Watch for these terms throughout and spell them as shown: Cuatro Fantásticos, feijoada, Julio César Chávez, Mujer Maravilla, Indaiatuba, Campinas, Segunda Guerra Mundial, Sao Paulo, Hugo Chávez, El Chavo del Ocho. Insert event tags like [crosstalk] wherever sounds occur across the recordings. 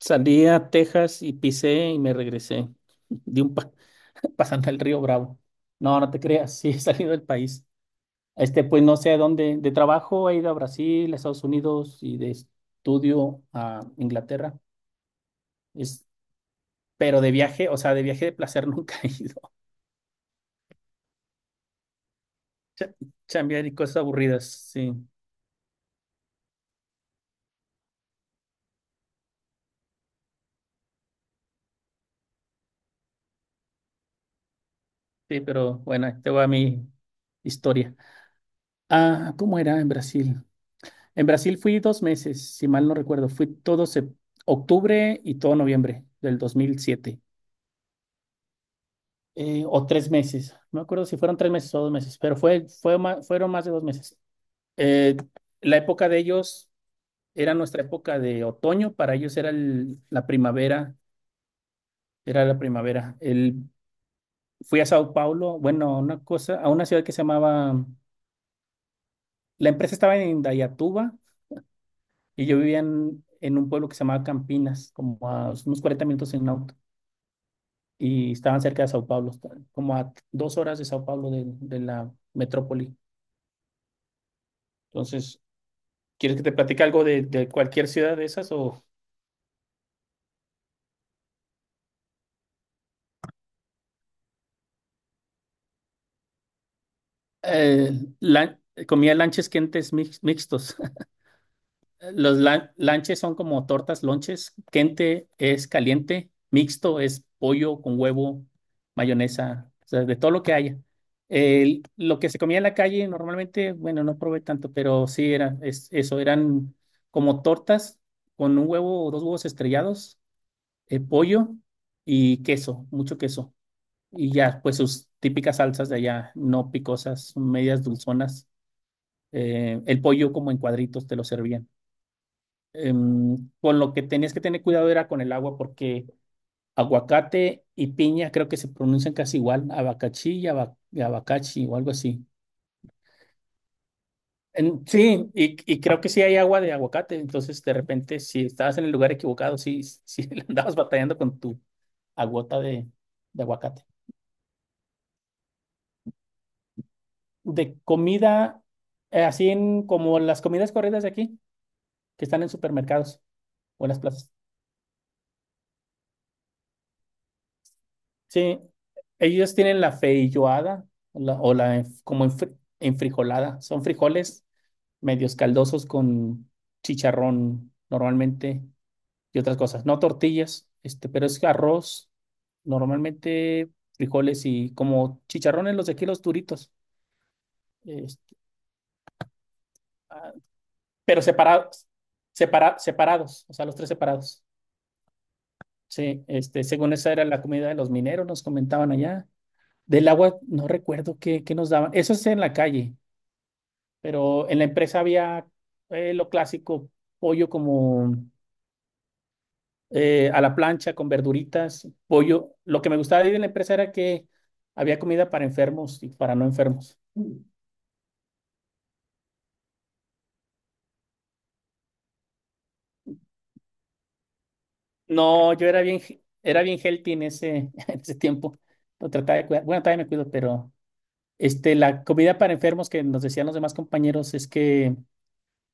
Salí a Texas y pisé y me regresé. Di un pa- [laughs] pasando el río Bravo. No, no te creas, sí [laughs] he salido del país. Pues no sé a dónde. De trabajo he ido a Brasil, a Estados Unidos y de estudio a Inglaterra. Es, pero de viaje, o sea, de viaje de placer [laughs] nunca he ido. Cha- Chambear y cosas aburridas, sí. Sí, pero bueno, ahí te voy a mi historia. Ah, ¿cómo era en Brasil? En Brasil fui dos meses, si mal no recuerdo. Fui todo sep- octubre y todo noviembre del 2007. O tres meses. No me acuerdo si fueron tres meses o dos meses, pero fue ma- fueron más de dos meses. Eh, la época de ellos era nuestra época de otoño. Para ellos era el- la primavera. Era la primavera. El, fui a Sao Paulo, bueno, a una cosa, a una ciudad que se llamaba... La empresa estaba en Indaiatuba y yo vivía en un pueblo que se llamaba Campinas, como a unos 40 minutos en auto. Y estaban cerca de Sao Paulo, como a dos horas de Sao Paulo de la metrópoli. Entonces, ¿quieres que te platique algo de cualquier ciudad de esas o eh, la- comía lanches quentes mix- mixtos? Los lan- lanches son como tortas, lonches. Kente es caliente, mixto es pollo con huevo, mayonesa, o sea, de todo lo que haya. El- lo que se comía en la calle normalmente, bueno, no probé tanto, pero sí era es- eso, eran como tortas con un huevo o dos huevos estrellados, pollo y queso, mucho queso. Y ya, pues sus típicas salsas de allá, no picosas, medias dulzonas. El pollo como en cuadritos te lo servían con lo que tenías que tener cuidado era con el agua, porque aguacate y piña creo que se pronuncian casi igual, abacachí aba- y abacachi o algo así. En- sí, y creo que sí hay agua de aguacate, entonces de repente si estabas en el lugar equivocado, sí, sí [laughs] le andabas batallando con tu agota de aguacate. De comida, así en, como las comidas corridas de aquí, que están en supermercados o en las plazas. Sí, ellos tienen la feijoada la- o la enf- como enfri- enfrijolada. Son frijoles medios caldosos con chicharrón normalmente y otras cosas. No tortillas, pero es arroz, normalmente frijoles y como chicharrones los de aquí, los duritos, este, ah, pero separados, separa- separados, o sea, los tres separados. Sí, según esa era la comida de los mineros, nos comentaban allá. Del agua, no recuerdo qué nos daban. Eso es en la calle. Pero en la empresa había lo clásico, pollo como a la plancha con verduritas, pollo. Lo que me gustaba de ir en la empresa era que había comida para enfermos y para no enfermos. No, yo era he- era bien healthy en ese, [laughs] en ese tiempo. Lo trataba de cuidar. Bueno, todavía me cuido, pero la comida para enfermos que nos decían los demás compañeros es que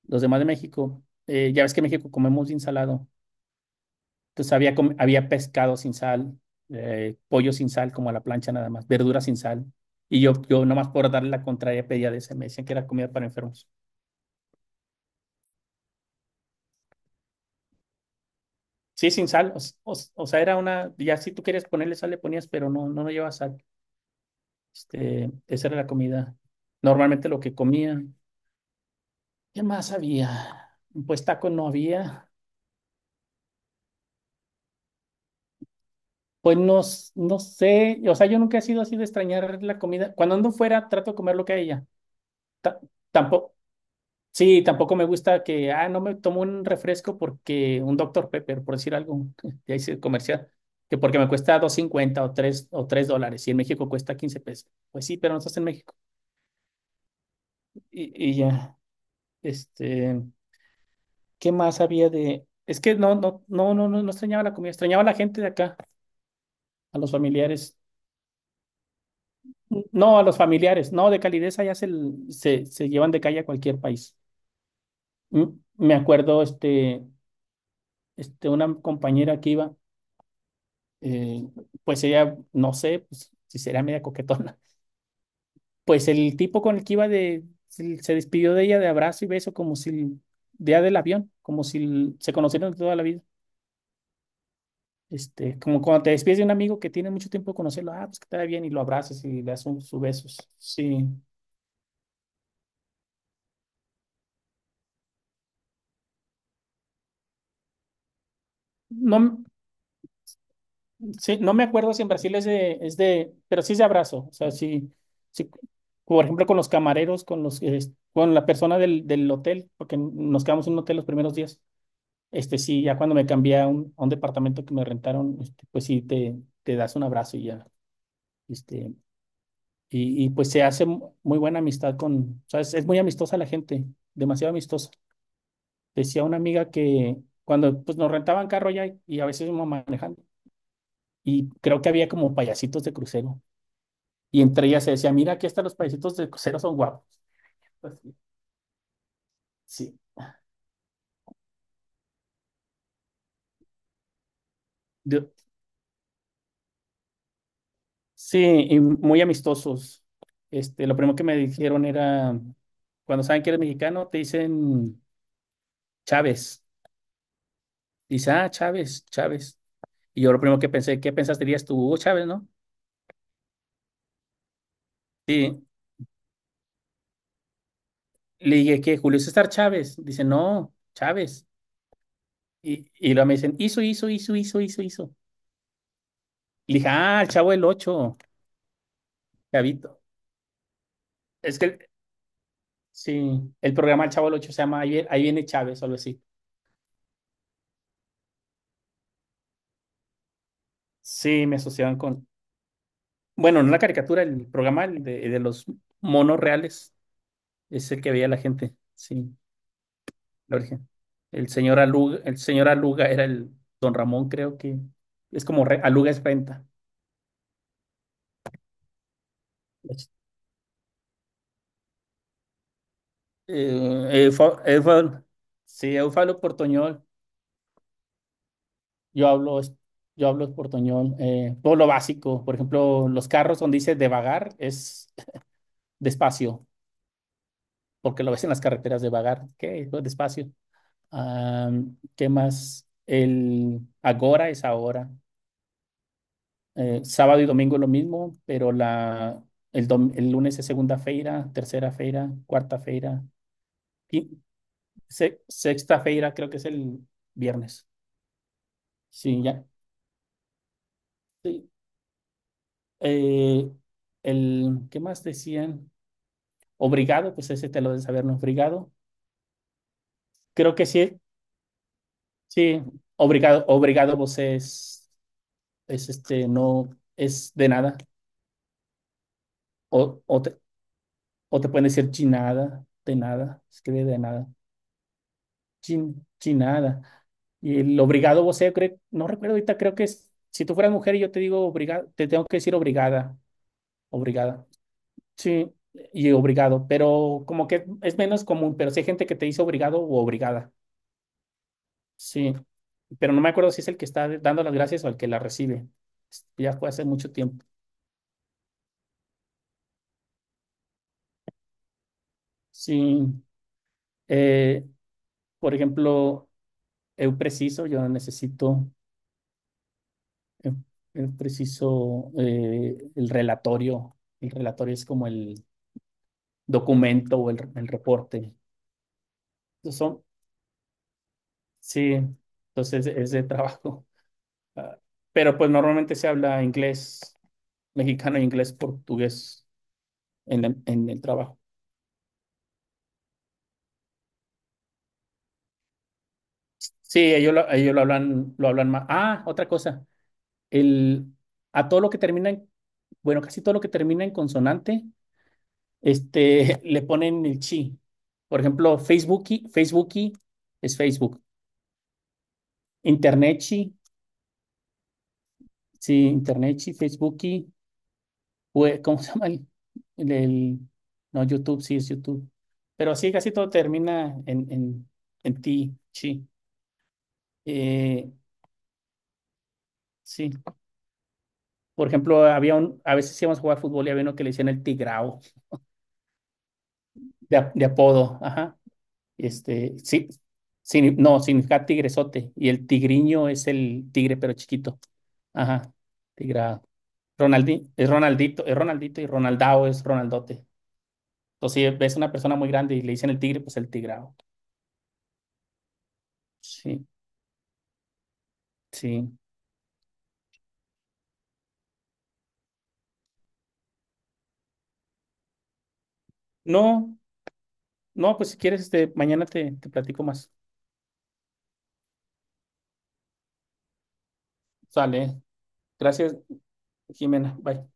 los demás de México, ya ves que en México comemos ensalado. Entonces había pescado sin sal, pollo sin sal, como a la plancha nada más, verduras sin sal. Yo nomás por darle la contraria pedía de ese, me decían que era comida para enfermos. Sí, sin o, o sea, era una, ya si tú querías ponerle sal le ponías, pero no, no, no llevaba sal. Esa era la comida. Normalmente lo que comía. ¿Qué más había? Pues taco no había. Pues no, no sé, o sea, yo nunca he sido así de extrañar la comida. Cuando ando fuera, trato de comer lo que haya. Ta- Tampoco, sí, tampoco me gusta que, ah, no me tomo un refresco porque un doctor Pepper, por decir algo, [laughs] ya hice comercial, que porque me cuesta dos cincuenta o 3 dólares y en México cuesta 15 pesos. Pues sí, pero no estás en México. Y ya, este, ¿qué más había de...? Es que no, no, no, no, no, no extrañaba la comida, extrañaba a la gente de acá, a los familiares. No, a los familiares, no, de calidez allá se llevan de calle a cualquier país. Mm, me acuerdo, este, una compañera que iba eh, pues ella, no sé, pues, si será media coquetona. [laughs] Pues el tipo con el que iba de, se despidió de ella de abrazo y beso como si día del avión, como si se conocieran de toda la vida. Este, como cuando te despides de un amigo que tiene mucho tiempo de conocerlo, ah, pues que te vaya bien y lo abrazas y le das un, sus besos. Sí. No, m- sí, no me acuerdo si en Brasil es es de, pero sí es de abrazo. O sea, sí, sí, por ejemplo, con los camareros, con los, con la persona del hotel, porque nos quedamos en un hotel los primeros días. Este sí, ya cuando me cambié a a un departamento que me rentaron, pues sí, te das un abrazo y ya. Este, y pues se hace mu- muy buena amistad con, ¿sabes? Es muy amistosa la gente, demasiado amistosa. Decía una amiga que cuando pues, nos rentaban carro ya y a veces íbamos manejando, y creo que había como payasitos de crucero. Y entre ellas se decía, mira, aquí están los payasitos de crucero son guapos. Pues, sí, sí. Sí, y muy amistosos. Lo primero que me dijeron era, cuando saben que eres mexicano, te dicen Chávez. Dice, ah, Chávez, Chávez. Y yo lo primero que pensé, ¿qué pensaste dirías tú, Hugo Chávez, no? Sí, le dije, ¿qué? Julio César Chávez. Dice, no, Chávez. Y luego me dicen, hizo. Le dije, ah, el Chavo del Ocho, Chavito. Es que, el- sí, el programa El Chavo del Ocho se llama Ahí vie- Ahí viene Chávez o algo así. Sí, me asociaban con, bueno, no la caricatura, el programa el de los monos reales es el que veía la gente, sí, la origen. El señor Aluga era el don Ramón, creo que es como re- Aluga es renta. Es- Eufa- Eufa- sí, yo hablo portoñol, yo hablo, es- yo hablo portoñol, todo lo básico, por ejemplo, los carros donde dice devagar es despacio, porque lo ves en las carreteras devagar, ¿qué? Pues despacio. Ah, ¿qué más? El agora es ahora. Sábado y domingo lo mismo, pero la, el, dom- el lunes es segunda feira, tercera feira, cuarta feira, qui- se- sexta feira creo que es el viernes. Sí, ya. Sí. Eh, el, ¿qué más decían? Obrigado, pues ese te lo de saber, ¿no? Obrigado. Creo que sí, sí. Obrigado, obrigado, vos es no, es de nada. O o te pueden decir chinada, de nada, escribe de nada, chin, chinada. Y el obrigado vos sea creo, no recuerdo ahorita, creo que es, si tú fueras mujer y yo te digo obrigada, te tengo que decir obrigada, obrigada. Sí, y obrigado, pero como que es menos común, pero sí hay gente que te dice obrigado o obrigada. Sí, pero no me acuerdo si es el que está dando las gracias o el que la recibe. Ya fue hace mucho tiempo. Sí, eh, por ejemplo, eu preciso, yo necesito. Es, es preciso el relatorio. El relatorio es como el documento el reporte. Entonces son, sí, entonces es de trabajo. [laughs] Ah, pero pues normalmente se habla inglés mexicano e inglés portugués en, la- en el trabajo. Sí, ellos lo hablan más. Ah, otra cosa. El, a todo lo que termina en, bueno, casi todo lo que termina en consonante [laughs] le ponen el chi. Por ejemplo, Facebooki es Facebook. Internetchi, sí, Internetchi, Facebooki, ¿cómo se llama? El- no, YouTube, sí es YouTube. Pero así casi todo termina en ti, chi. Eh, sí, por ejemplo, había un, a veces íbamos a jugar fútbol y había uno que le decían el tigrao, ap- de apodo, ajá. Sí, sí, no, significa tigresote. Y el tigriño es el tigre, pero chiquito. Ajá, tigrado. Ronaldi, es Ronaldito y Ronaldao es Ronaldote. Entonces, si ves una persona muy grande y le dicen el tigre, pues el tigrado. Sí, sí. No, no, pues si quieres, mañana te platico más. Sale. Gracias, Jimena. Bye.